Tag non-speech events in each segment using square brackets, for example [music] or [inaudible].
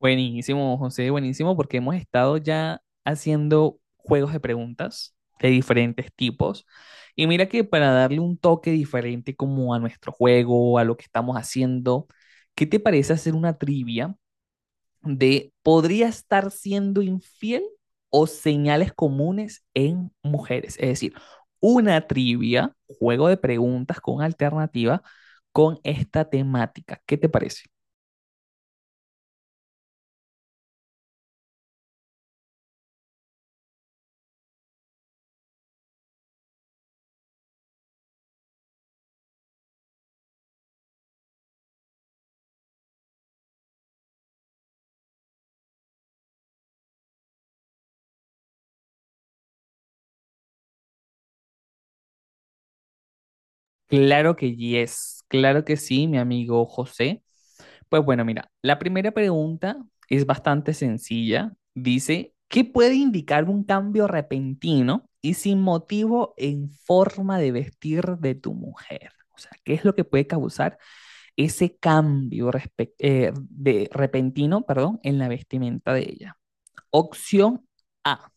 Buenísimo, José, buenísimo, porque hemos estado ya haciendo juegos de preguntas de diferentes tipos. Y mira que para darle un toque diferente como a nuestro juego, a lo que estamos haciendo, ¿qué te parece hacer una trivia de podría estar siendo infiel o señales comunes en mujeres? Es decir, una trivia, juego de preguntas con alternativa con esta temática. ¿Qué te parece? Claro que yes, claro que sí, mi amigo José. Pues bueno, mira, la primera pregunta es bastante sencilla. Dice, ¿qué puede indicar un cambio repentino y sin motivo en forma de vestir de tu mujer? O sea, ¿qué es lo que puede causar ese cambio de repentino, perdón, en la vestimenta de ella? Opción A,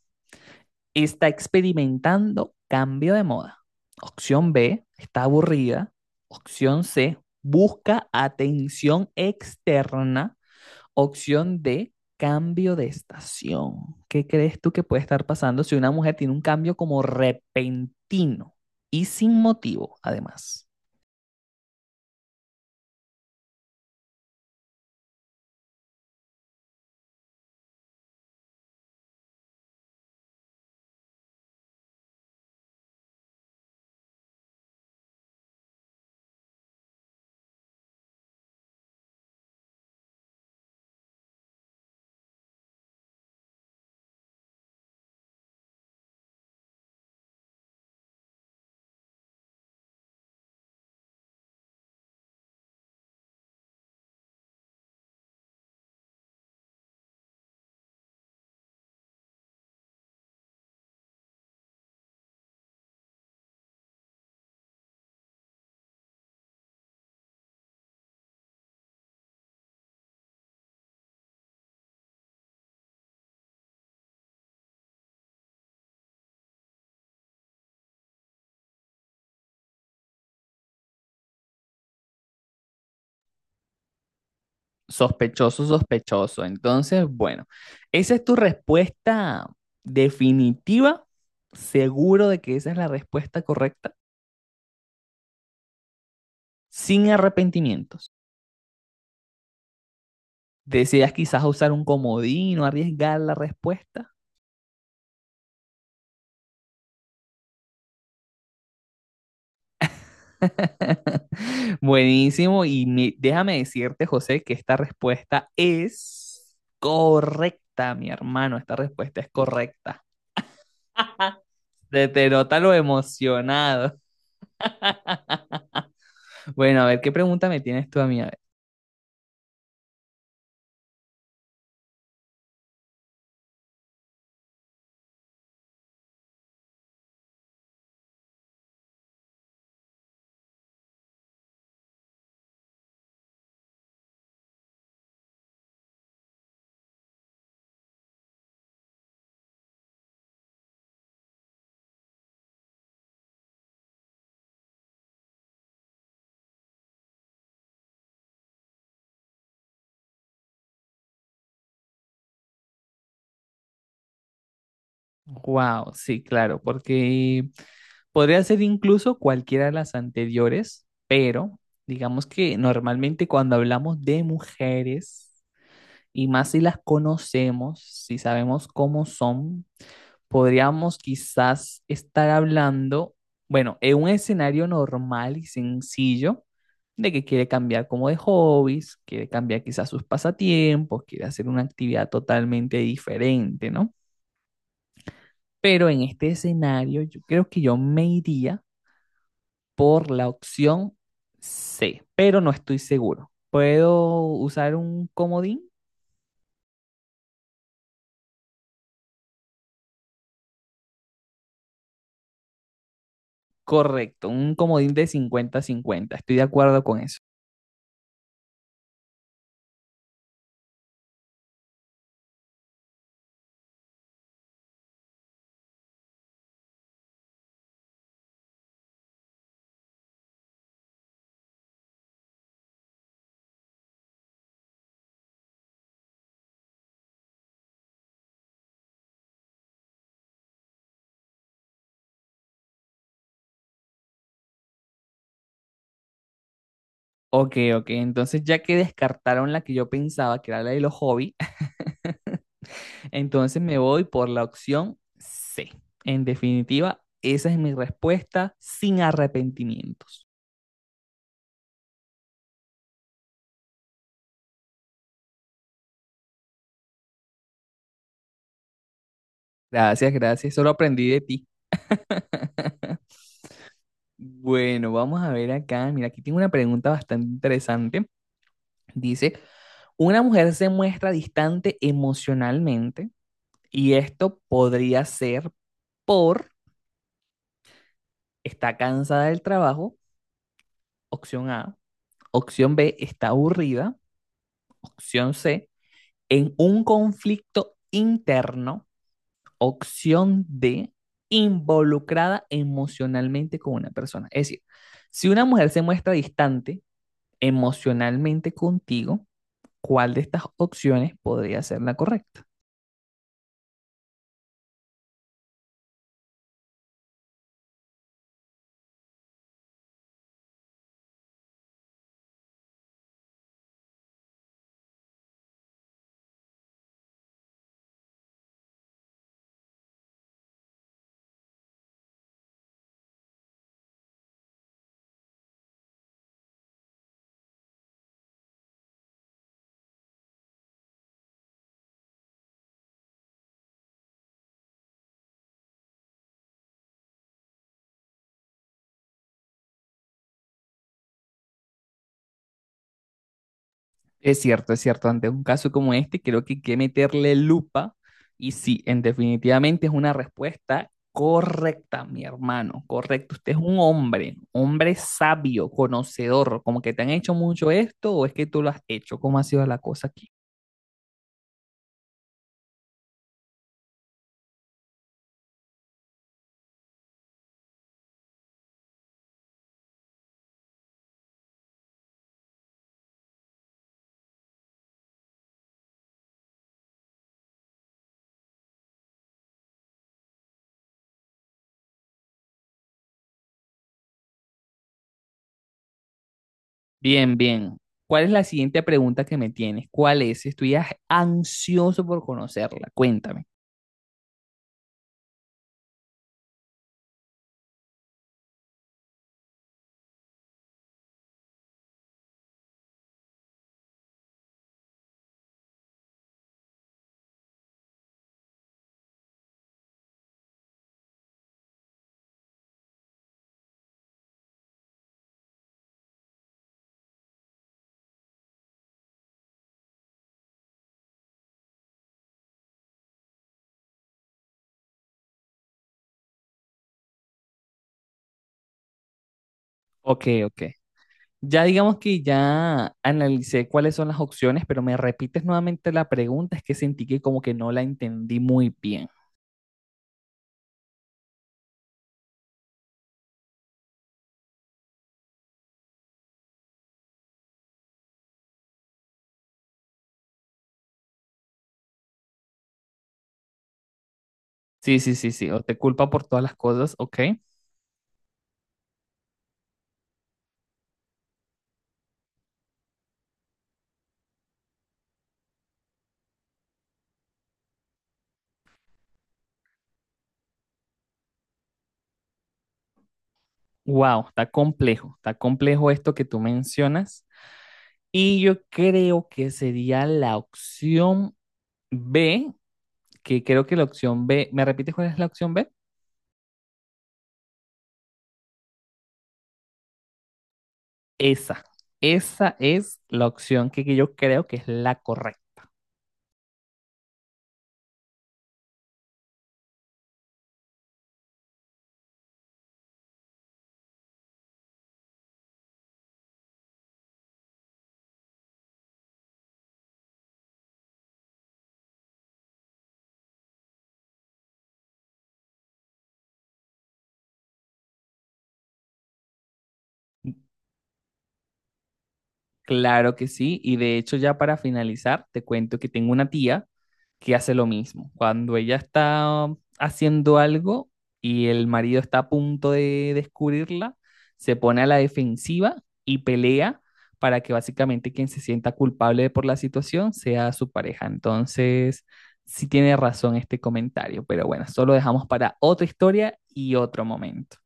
está experimentando cambio de moda. Opción B, está aburrida. Opción C, busca atención externa. Opción D, cambio de estación. ¿Qué crees tú que puede estar pasando si una mujer tiene un cambio como repentino y sin motivo, además? Sospechoso, sospechoso. Entonces, bueno, esa es tu respuesta definitiva. ¿Seguro de que esa es la respuesta correcta? Sin arrepentimientos. ¿Deseas quizás usar un comodín o arriesgar la respuesta? [laughs] Buenísimo. Y déjame decirte, José, que esta respuesta es correcta, mi hermano. Esta respuesta es correcta. Te nota lo emocionado. Bueno, a ver, ¿qué pregunta me tienes tú a mí? A ver. Wow, sí, claro, porque podría ser incluso cualquiera de las anteriores, pero digamos que normalmente cuando hablamos de mujeres, y más si las conocemos, si sabemos cómo son, podríamos quizás estar hablando, bueno, en un escenario normal y sencillo, de que quiere cambiar como de hobbies, quiere cambiar quizás sus pasatiempos, quiere hacer una actividad totalmente diferente, ¿no? Pero en este escenario yo creo que yo me iría por la opción C, pero no estoy seguro. ¿Puedo usar un comodín? Correcto, un comodín de 50 cincuenta, estoy de acuerdo con eso. Ok, ok, entonces ya que descartaron la que yo pensaba, que era la de los hobbies, [laughs] entonces me voy por la opción C. En definitiva, esa es mi respuesta sin arrepentimientos. Gracias, gracias, solo aprendí de ti. [laughs] Bueno, vamos a ver acá. Mira, aquí tengo una pregunta bastante interesante. Dice, una mujer se muestra distante emocionalmente y esto podría ser por: está cansada del trabajo, opción A. Opción B, está aburrida. Opción C, en un conflicto interno. Opción D, involucrada emocionalmente con una persona. Es decir, si una mujer se muestra distante emocionalmente contigo, ¿cuál de estas opciones podría ser la correcta? Es cierto, es cierto. Ante un caso como este, creo que hay que meterle lupa. Y sí, en definitivamente es una respuesta correcta, mi hermano. Correcto. Usted es un hombre, hombre sabio, conocedor. Como que te han hecho mucho esto o es que tú lo has hecho. ¿Cómo ha sido la cosa aquí? Bien, bien. ¿Cuál es la siguiente pregunta que me tienes? ¿Cuál es? Estoy ansioso por conocerla. Cuéntame. Ok, ok. Ya digamos que ya analicé cuáles son las opciones, pero me repites nuevamente la pregunta, es que sentí que como que no la entendí muy bien. Sí, sí, sí, sí, o te culpa por todas las cosas, ok. Wow, está complejo esto que tú mencionas. Y yo creo que sería la opción B, que creo que la opción B, ¿me repites cuál es la opción B? Esa, esa es la opción que yo creo que es la correcta. Claro que sí, y de hecho ya para finalizar, te cuento que tengo una tía que hace lo mismo. Cuando ella está haciendo algo y el marido está a punto de descubrirla, se pone a la defensiva y pelea para que básicamente quien se sienta culpable por la situación sea su pareja. Entonces, sí tiene razón este comentario, pero bueno, solo dejamos para otra historia y otro momento.